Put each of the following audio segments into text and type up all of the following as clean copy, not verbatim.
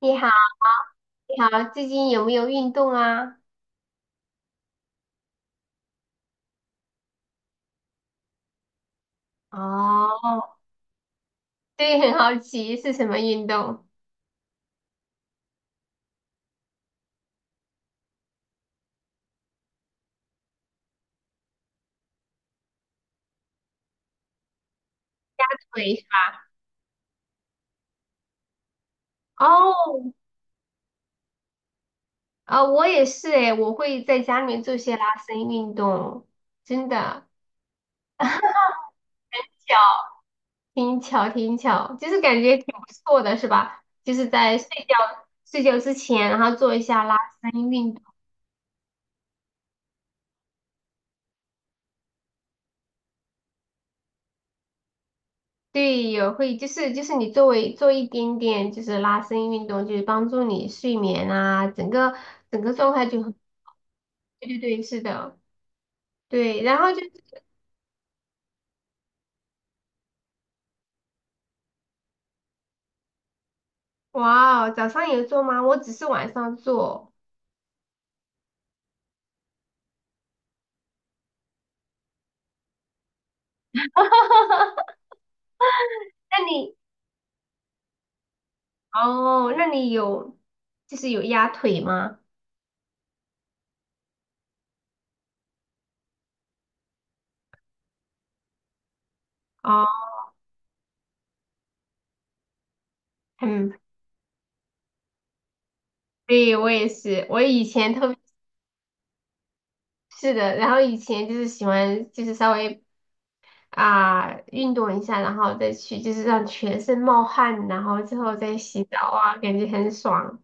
你好，你好，最近有没有运动啊？哦，对，很好奇是什么运动？对，哦，啊，我也是诶，我会在家里面做些拉伸运动，真的。巧，挺巧，挺巧，就是感觉挺不错的，是吧？就是在睡觉睡觉之前，然后做一下拉伸运动。对，有会就是你做一点点就是拉伸运动，就是帮助你睡眠啊，整个状态就很。对对对，是的。对，然后就是哇哦早上有做吗？我只是晚上做。那你哦，那你有就是有压腿吗？哦，嗯，对，我也是，我以前特别是的，然后以前就是喜欢就是稍微运动一下，然后再去就是让全身冒汗，然后之后再洗澡啊，感觉很爽。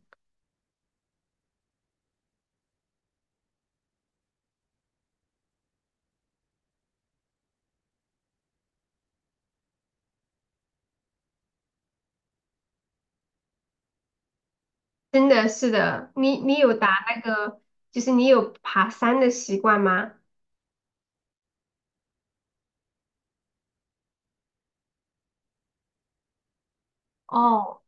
真的是的，你你有打那个就是你有爬山的习惯吗？哦。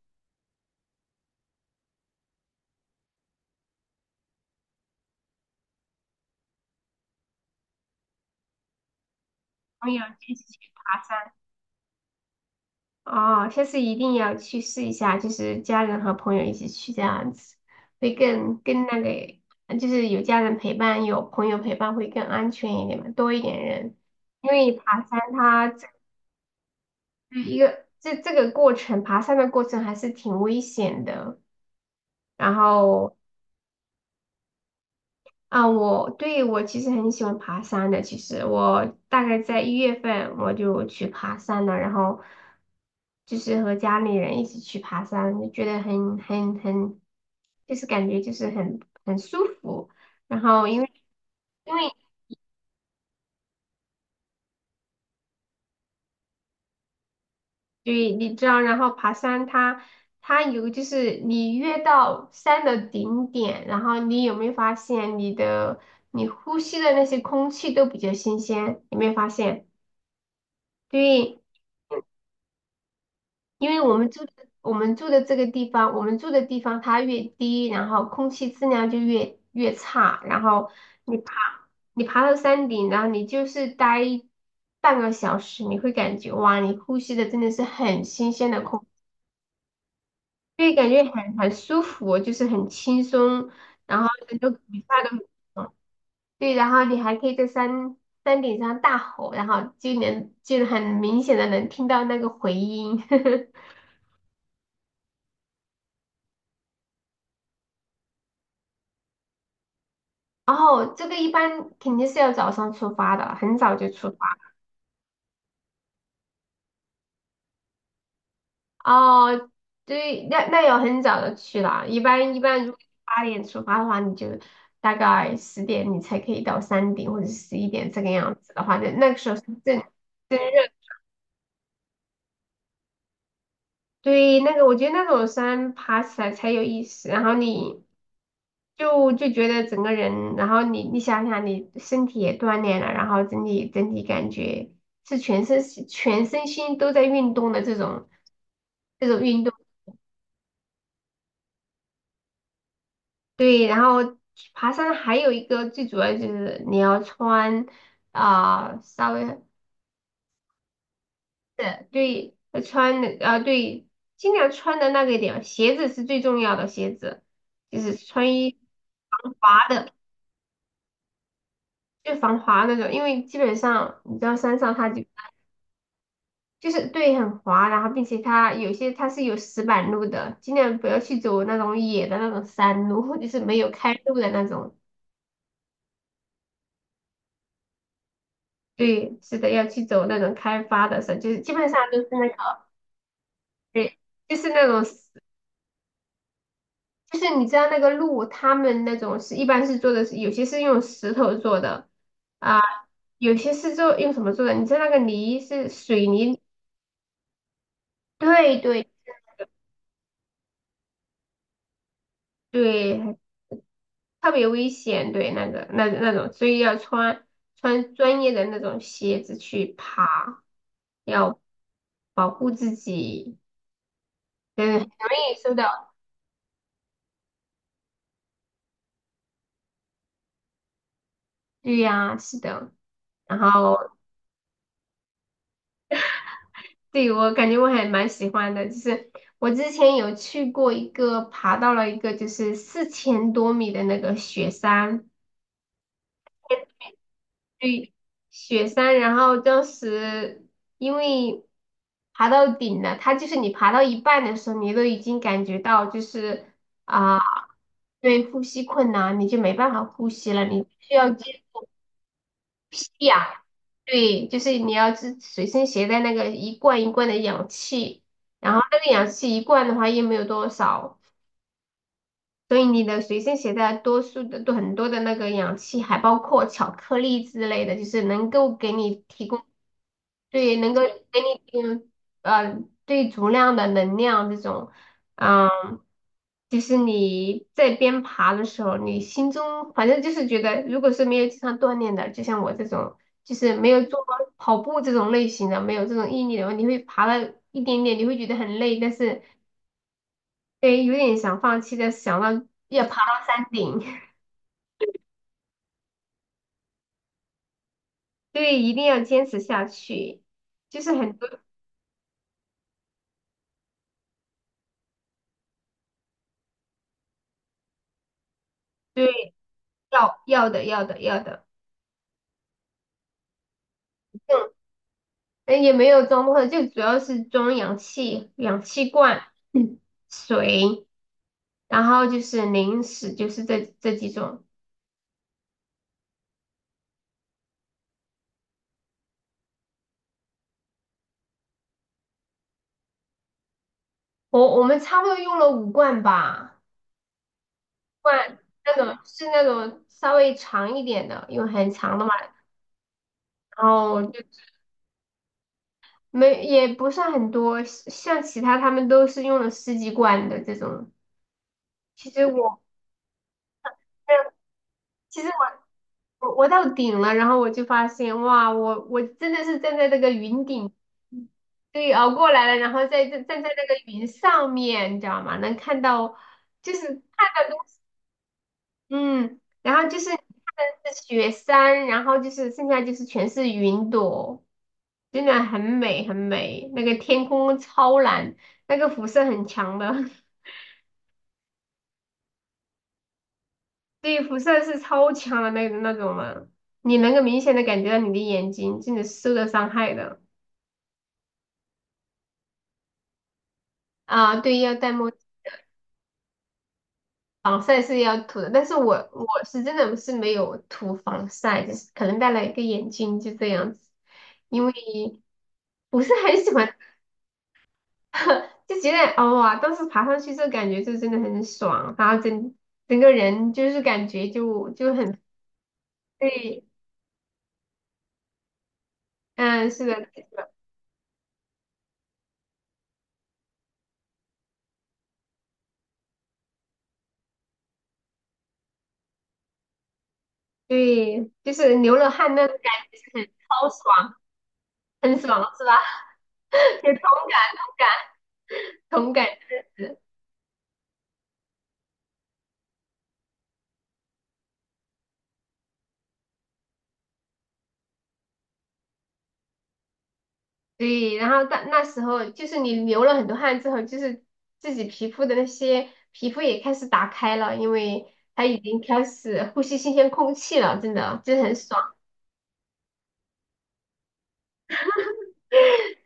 朋友一起去。哦，下次一定要去试一下，就是家人和朋友一起去这样子，会更那个，就是有家人陪伴，有朋友陪伴会更安全一点嘛，多一点人。因为爬山它这个过程，爬山的过程还是挺危险的，然后啊，我，对，我其实很喜欢爬山的。其实我大概在1月份我就去爬山了，然后就是和家里人一起去爬山，就觉得很很很，就是感觉就是很舒服。然后因为对，你知道，然后爬山它有就是你越到山的顶点，然后你有没有发现你的你呼吸的那些空气都比较新鲜？有没有发现？对。因为我们住的我们住的这个地方，我们住的地方它越低，然后空气质量就越差，然后你爬你爬到山顶，然后你就是待半个小时，你会感觉哇，你呼吸的真的是很新鲜的空气，所以感觉很舒服，就是很轻松，然后整个骨架都很爽。对，然后你还可以在山顶上大吼，然后就很明显的能听到那个回音。然后这个一般肯定是要早上出发的，很早就出发。哦，对，那要很早的去了。一般一般，如果8点出发的话，你就大概10点你才可以到山顶，或者11点这个样子的话，那个时候是正热。对，那个我觉得那种山爬起来才有意思，然后你就觉得整个人，然后你想想，你身体也锻炼了，然后整体感觉是全身心都在运动的这种。这种运动，对，然后爬山还有一个最主要就是你要穿稍微的，对，要穿的,对，尽量穿的那个一点，鞋子是最重要的，鞋子就是穿一防滑的，就防滑那种，因为基本上你知道山上它就是对很滑，然后并且它有些它是有石板路的，尽量不要去走那种野的那种山路。就是没有开路的那种。对，是的，要去走那种开发的时候，就是基本上都是那个，对，就是那种石，就是你知道那个路，他们那种是一般是做的是，有些是用石头做的，啊，有些是做用什么做的？你知道那个泥是水泥，对对对，特别危险，对那个那种，所以要穿穿专业的那种鞋子去爬，要保护自己，对，很容易受到，对呀，是的，然后，对，我感觉我还蛮喜欢的，就是我之前有去过一个，爬到了一个就是4000多米的那个雪山。对，雪山，然后当时因为爬到顶了，它就是你爬到一半的时候，你都已经感觉到就是啊。对，呼吸困难，你就没办法呼吸了，你需要接氧。对，就是你要随身携带那个一罐一罐的氧气，然后那个氧气一罐的话又没有多少，所以你的随身携带多数的都很多的那个氧气，还包括巧克力之类的，就是能够给你提供。对，能够给你呃对足量的能量这种。嗯，就是你在边爬的时候，你心中反正就是觉得，如果是没有经常锻炼的，就像我这种，就是没有做过跑步这种类型的，没有这种毅力的话，你会爬了一点点，你会觉得很累，但是对，有点想放弃，但是想到要爬到山顶。对，一定要坚持下去，就是很多对要的要的要的。哎，也没有装少，就主要是装氧气、氧气罐、嗯水，然后就是零食，就是这几种。我们差不多用了5罐吧，罐那种是那种稍微长一点的，因为很长的嘛，然后就没也不算很多，像其他他们都是用了十几罐的这种。其实我。其实。我我到顶了，然后我就发现，哇，我真的是站在这个云顶。对，熬过来了，然后在站站在那个云上面，你知道吗？能看到，就是看到都，嗯，然后就是看的是雪山，然后就是剩下就是全是云朵，真的很美很美，那个天空超蓝，那个辐射很强的。对，辐射是超强的那种的，你能够明显的感觉到你的眼睛真的是受到伤害的。啊，对，要戴墨镜，防晒是要涂的，但是我是真的是没有涂防晒，就是可能戴了一个眼镜就这样子，因为不是很喜欢。就觉得哦哇，当时爬上去这感觉就真的很爽，然后整个人就是感觉就很，对。嗯，是的，是的，对，就是流了汗那种感觉是很超爽，很爽是吧？有同感，同感，同感。对，然后到那时候就是你流了很多汗之后，就是自己皮肤的那些皮肤也开始打开了，因为它已经开始呼吸新鲜空气了，真的真是很爽。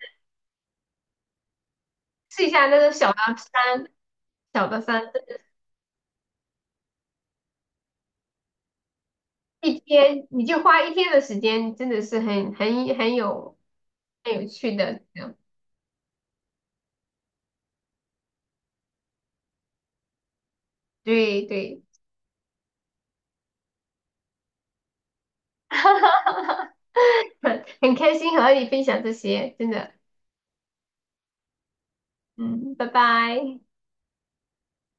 试一下那种小的山，小的山，一天你就花一天的时间，真的是很很很有很有趣的，这样对对。很开心和你分享这些，真的。嗯，拜拜。